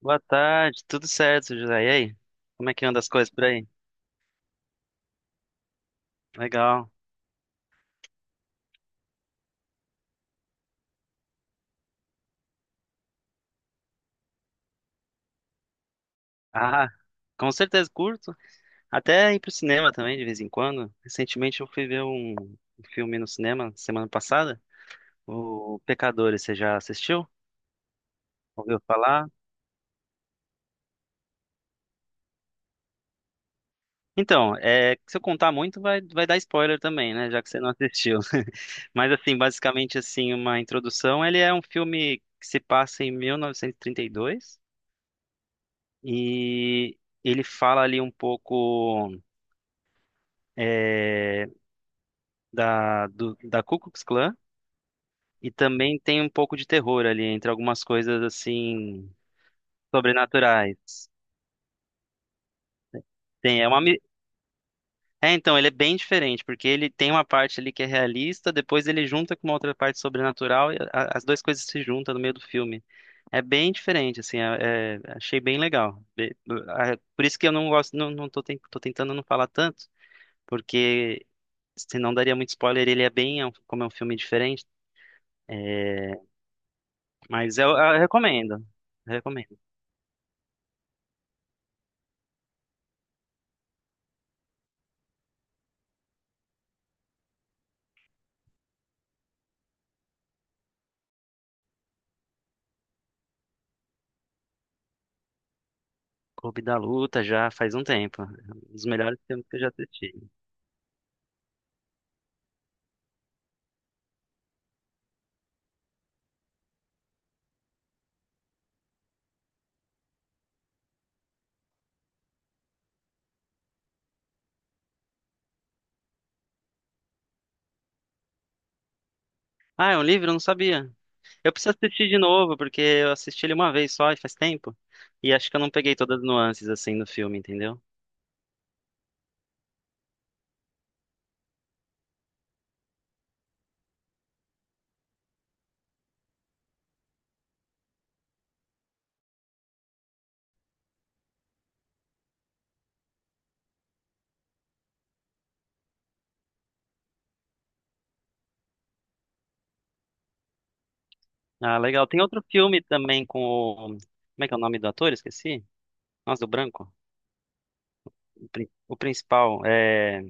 Boa tarde, tudo certo, José? E aí? Como é que anda as coisas por aí? Legal. Ah, com certeza curto. Até ir pro cinema também, de vez em quando. Recentemente eu fui ver um filme no cinema, semana passada. O Pecadores, você já assistiu? Ouviu falar? Então, se eu contar muito, vai dar spoiler também, né? Já que você não assistiu. Mas, assim, basicamente, assim, uma introdução. Ele é um filme que se passa em 1932 e trinta e dois. E ele fala ali um pouco. é, da Ku Klux Klan e também tem um pouco de terror ali entre algumas coisas assim sobrenaturais. Tem. Então, ele é bem diferente, porque ele tem uma parte ali que é realista, depois ele junta com uma outra parte sobrenatural e as duas coisas se juntam no meio do filme. É bem diferente, assim, achei bem legal. Por isso que eu não gosto, não, não tô, tô tentando não falar tanto, porque senão daria muito spoiler, ele é bem, como é um filme diferente, é, mas eu recomendo. Recomendo. Clube da Luta já faz um tempo. Um dos melhores filmes que eu já assisti. Ah, é um livro? Eu não sabia. Eu preciso assistir de novo, porque eu assisti ele uma vez só e faz tempo. E acho que eu não peguei todas as nuances assim do filme, entendeu? Ah, legal. Tem outro filme também com o. Como é que é o nome do ator? Esqueci. Nossa, do branco. O principal.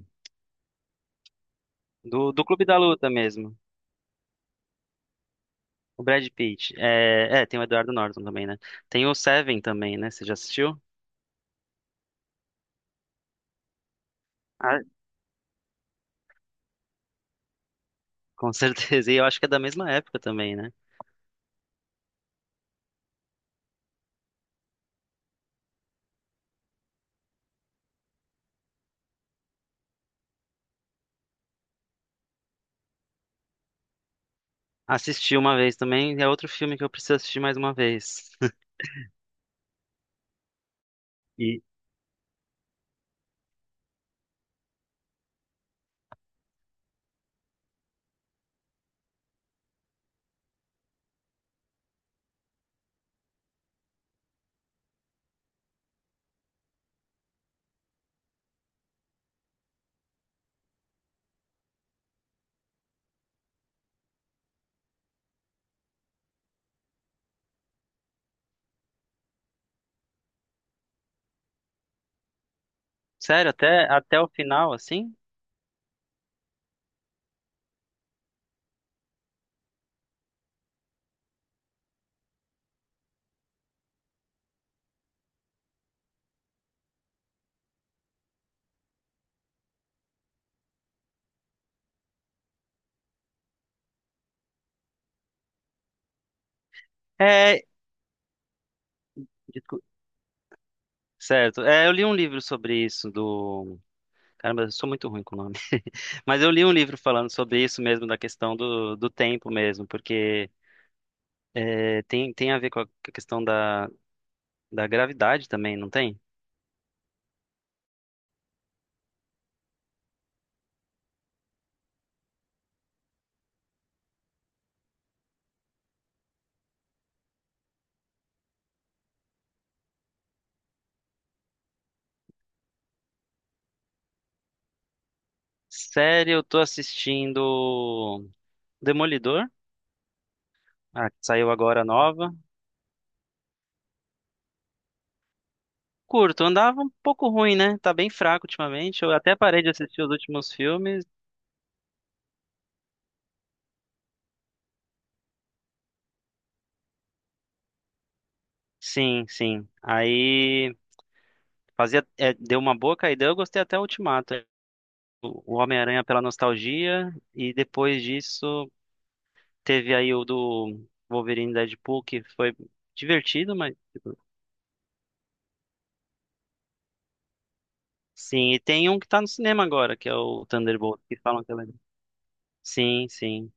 Do Clube da Luta mesmo. O Brad Pitt. Tem o Eduardo Norton também, né? Tem o Seven também, né? Você já assistiu? Ah, com certeza. E eu acho que é da mesma época também, né? Assisti uma vez também, é outro filme que eu preciso assistir mais uma vez. E, sério, até o final, assim? É. discu- Certo. É, eu li um livro sobre isso, do. Caramba, eu sou muito ruim com o nome. Mas eu li um livro falando sobre isso mesmo, da questão do tempo mesmo, porque tem a ver com a questão da gravidade também, não tem? Sério, eu tô assistindo Demolidor, ah, que saiu agora nova. Curto, andava um pouco ruim, né? Tá bem fraco ultimamente. Eu até parei de assistir os últimos filmes. Sim, sim. Aí fazia, deu uma boa caída. Eu gostei até o Ultimato. O Homem-Aranha pela nostalgia. E depois disso, teve aí o do Wolverine e Deadpool, que foi divertido, mas. Tipo, sim, e tem um que tá no cinema agora, que é o Thunderbolt, que falam que é legal. Sim, sim.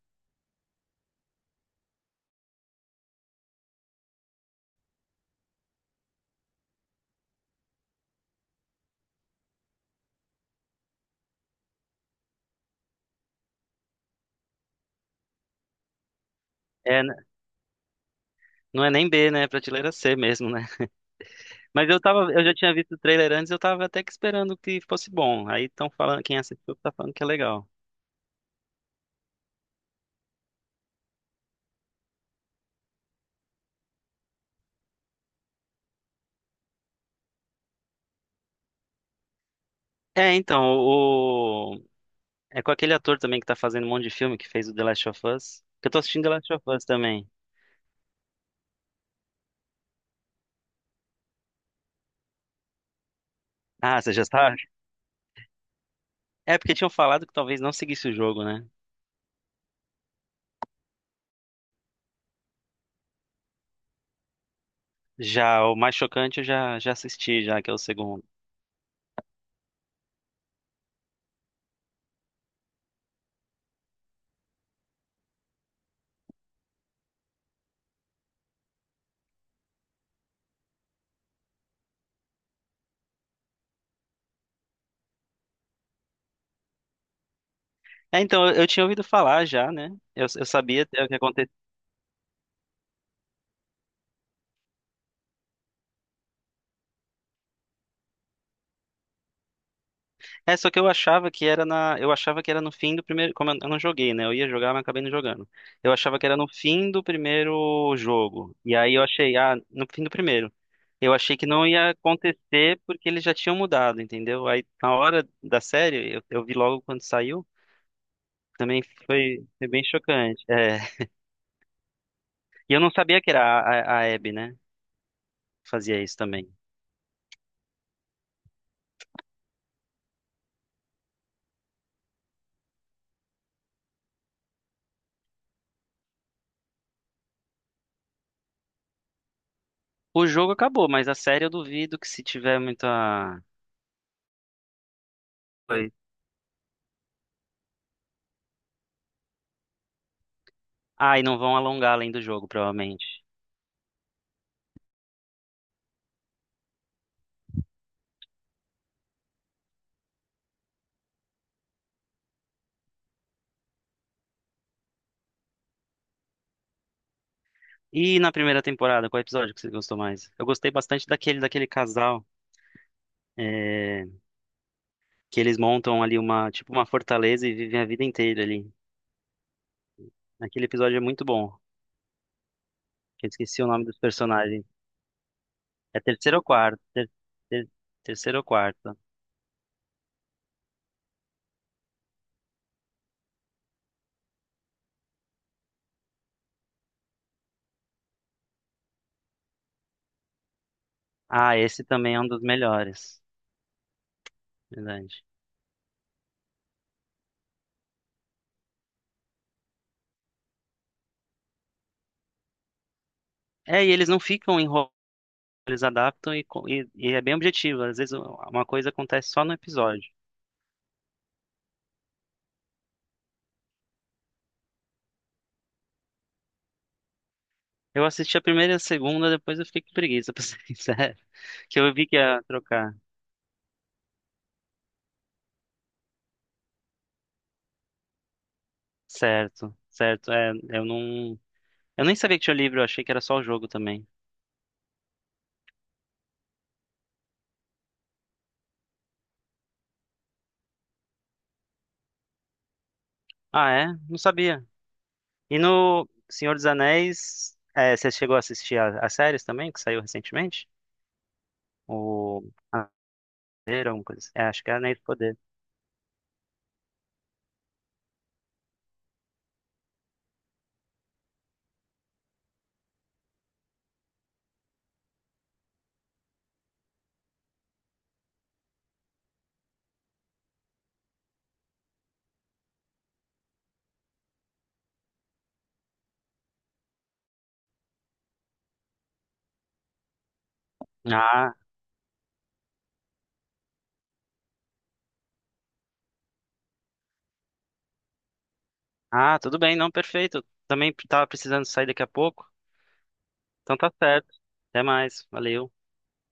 É, né? Não é nem B, né? É prateleira C mesmo, né? Mas eu já tinha visto o trailer antes, eu tava até que esperando que fosse bom. Aí estão falando, quem assistiu tá falando que é legal. É, então, é com aquele ator também que tá fazendo um monte de filme que fez o The Last of Us. Que eu tô assistindo The Last of Us também. Ah, você já sabe? É porque tinham falado que talvez não seguisse o jogo, né? Já o mais chocante eu já assisti já, que é o segundo. É, então, eu tinha ouvido falar já, né? Eu sabia o que aconteceu. É, só que eu achava que era no fim do primeiro, como eu não joguei, né? Eu ia jogar, mas acabei não jogando. Eu achava que era no fim do primeiro jogo. E aí eu achei, ah, no fim do primeiro. Eu achei que não ia acontecer porque eles já tinham mudado, entendeu? Aí na hora da série, eu vi logo quando saiu, também foi bem chocante. É. E eu não sabia que era a Abby, né, que fazia isso também. O jogo acabou, mas a série eu duvido que se tiver muita. Foi. Ah, e não vão alongar além do jogo, provavelmente. E na primeira temporada, qual episódio que você gostou mais? Eu gostei bastante daquele casal é, que eles montam ali uma tipo uma fortaleza e vivem a vida inteira ali. Aquele episódio é muito bom. Eu esqueci o nome dos personagens. É terceiro ou quarto? Ter- terceiro ou quarto? Ah, esse também é um dos melhores. Verdade. É, e eles não ficam enrolados, eles adaptam e é bem objetivo. Às vezes uma coisa acontece só no episódio. Eu assisti a primeira e a segunda, depois eu fiquei com preguiça, pra ser sincero. Que eu vi que ia trocar. Certo, certo. É, eu não. Eu nem sabia que tinha livro, eu achei que era só o jogo também. Ah, é? Não sabia. E no Senhor dos Anéis, você chegou a assistir as séries também, que saiu recentemente? O. Ah, era uma coisa assim. É, acho que é Anéis do Poder. Ah, ah, tudo bem, não, perfeito. Também tava precisando sair daqui a pouco. Então tá certo. Até mais. Valeu.